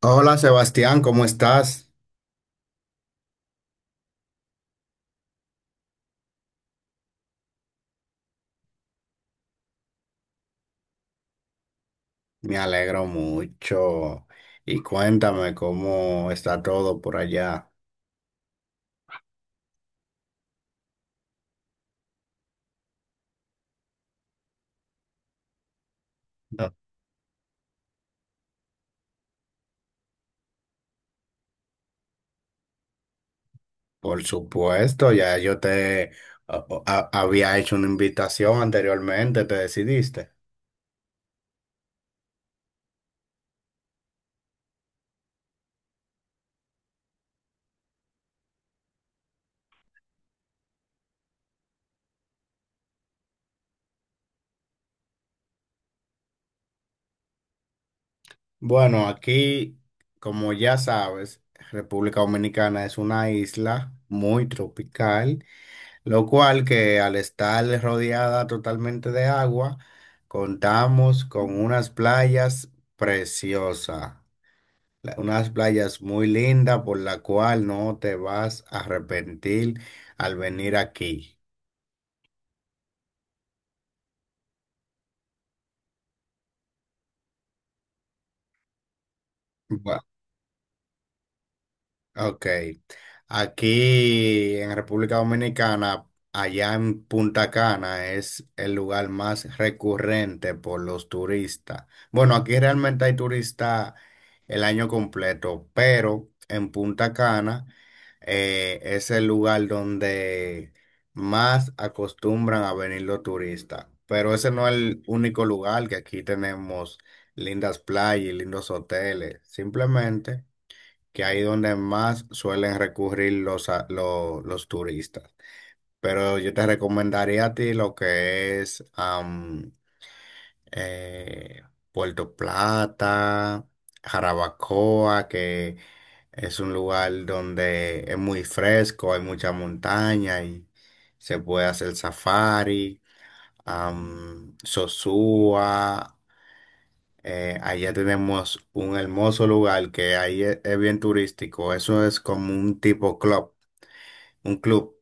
Hola, Sebastián, ¿cómo estás? Me alegro mucho. Y cuéntame cómo está todo por allá. No. Por supuesto, ya yo te había hecho una invitación anteriormente, te decidiste. Bueno, aquí, como ya sabes, República Dominicana es una isla muy tropical, lo cual que al estar rodeada totalmente de agua, contamos con unas playas preciosas. Unas playas muy lindas por la cual no te vas a arrepentir al venir aquí. Ok. Aquí en República Dominicana, allá en Punta Cana, es el lugar más recurrente por los turistas. Bueno, aquí realmente hay turistas el año completo, pero en Punta Cana es el lugar donde más acostumbran a venir los turistas. Pero ese no es el único lugar, que aquí tenemos lindas playas y lindos hoteles. Simplemente que ahí donde más suelen recurrir los turistas. Pero yo te recomendaría a ti lo que es eh, Puerto Plata, Jarabacoa, que es un lugar donde es muy fresco, hay mucha montaña y se puede hacer safari, Sosúa. Allá tenemos un hermoso lugar que ahí es bien turístico. Eso es como un tipo club, un club.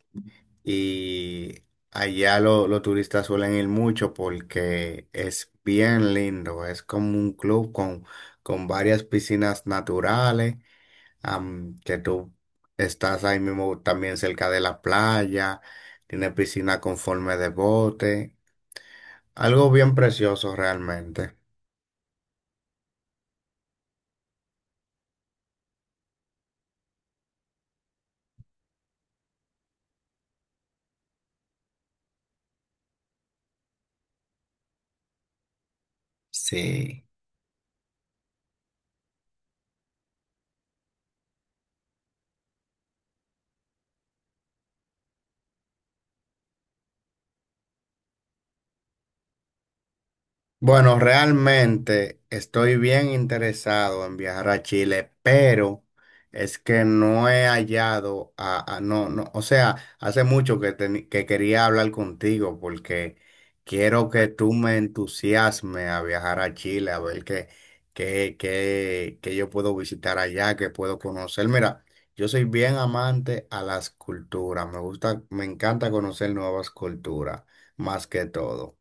Y allá los turistas suelen ir mucho porque es bien lindo. Es como un club con varias piscinas naturales, que tú estás ahí mismo también cerca de la playa. Tiene piscina con forma de bote. Algo bien precioso realmente. Sí. Bueno, realmente estoy bien interesado en viajar a Chile, pero es que no he hallado no, no, o sea, hace mucho que, que quería hablar contigo porque quiero que tú me entusiasmes a viajar a Chile, a ver qué, qué yo puedo visitar allá, qué puedo conocer. Mira, yo soy bien amante a las culturas, me gusta, me encanta conocer nuevas culturas, más que todo.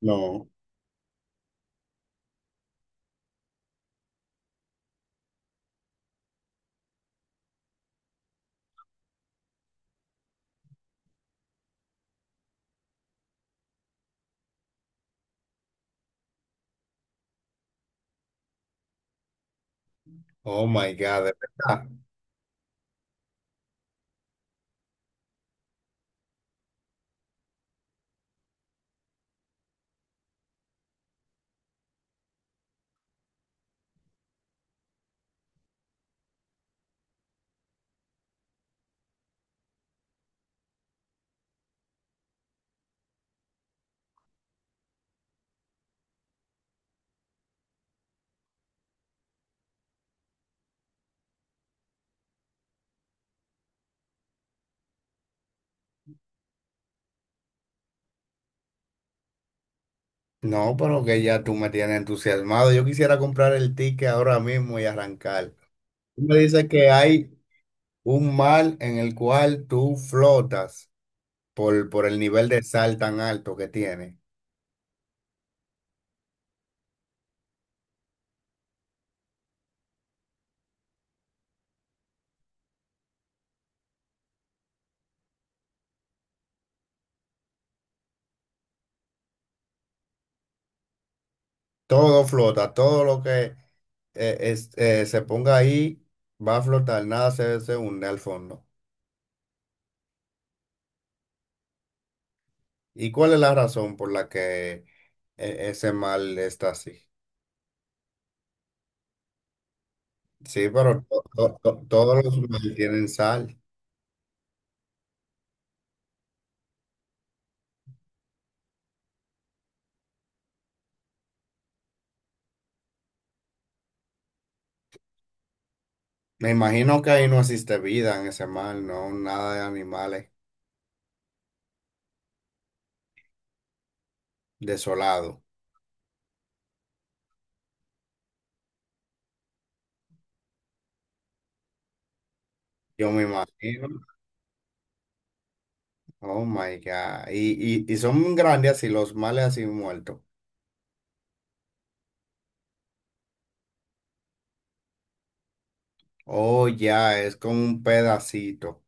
No. Oh my God, de verdad. No, pero que ya tú me tienes entusiasmado. Yo quisiera comprar el ticket ahora mismo y arrancar. Tú me dices que hay un mar en el cual tú flotas por el nivel de sal tan alto que tiene. Todo flota, todo lo que se ponga ahí va a flotar, nada se hunde al fondo. ¿Y cuál es la razón por la que ese mar está así? Sí, pero todos los mares tienen sal. Me imagino que ahí no existe vida en ese mar, no, nada de animales desolado. Yo me imagino. Oh my God. Y, y son grandes así, los males así muertos. Oh, ya, es como un pedacito.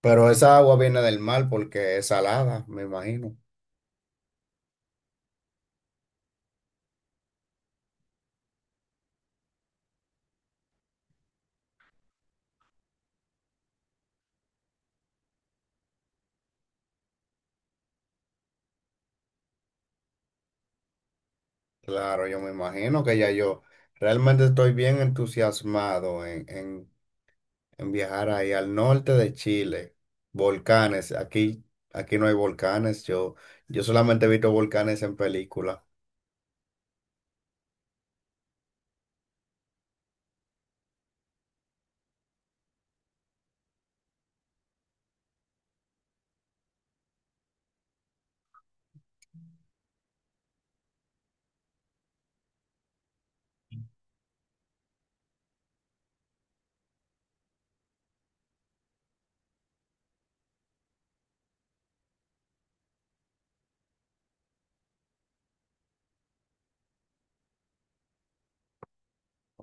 Pero esa agua viene del mar porque es salada, me imagino. Claro, yo me imagino que ya yo realmente estoy bien entusiasmado en viajar ahí al norte de Chile, volcanes, aquí, aquí no hay volcanes, yo solamente he visto volcanes en película.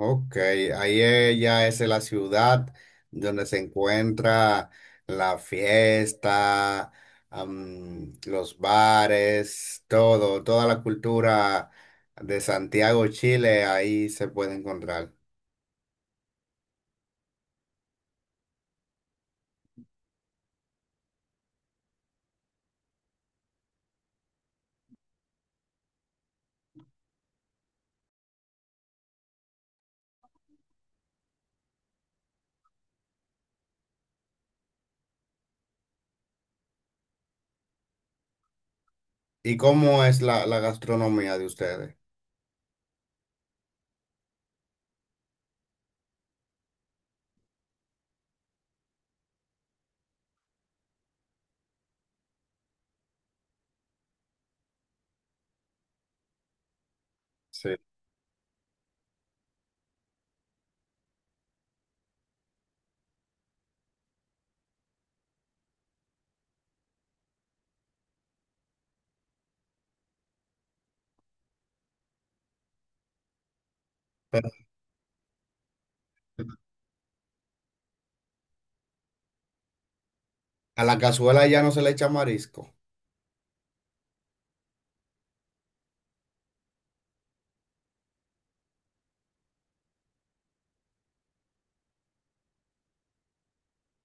Ok, ahí ya es la ciudad donde se encuentra la fiesta, los bares, todo, toda la cultura de Santiago, Chile, ahí se puede encontrar. ¿Y cómo es la, la gastronomía de ustedes? Sí. Pero a la cazuela ya no se le echa marisco.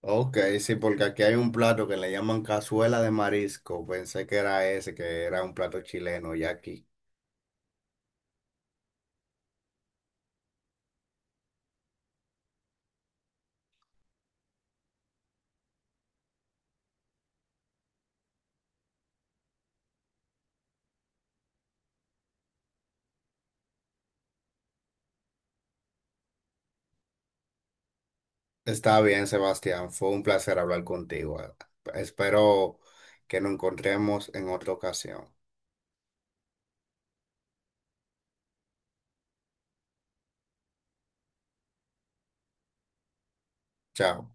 Ok, sí, porque aquí hay un plato que le llaman cazuela de marisco. Pensé que era ese, que era un plato chileno, y aquí. Está bien, Sebastián, fue un placer hablar contigo. Espero que nos encontremos en otra ocasión. Chao.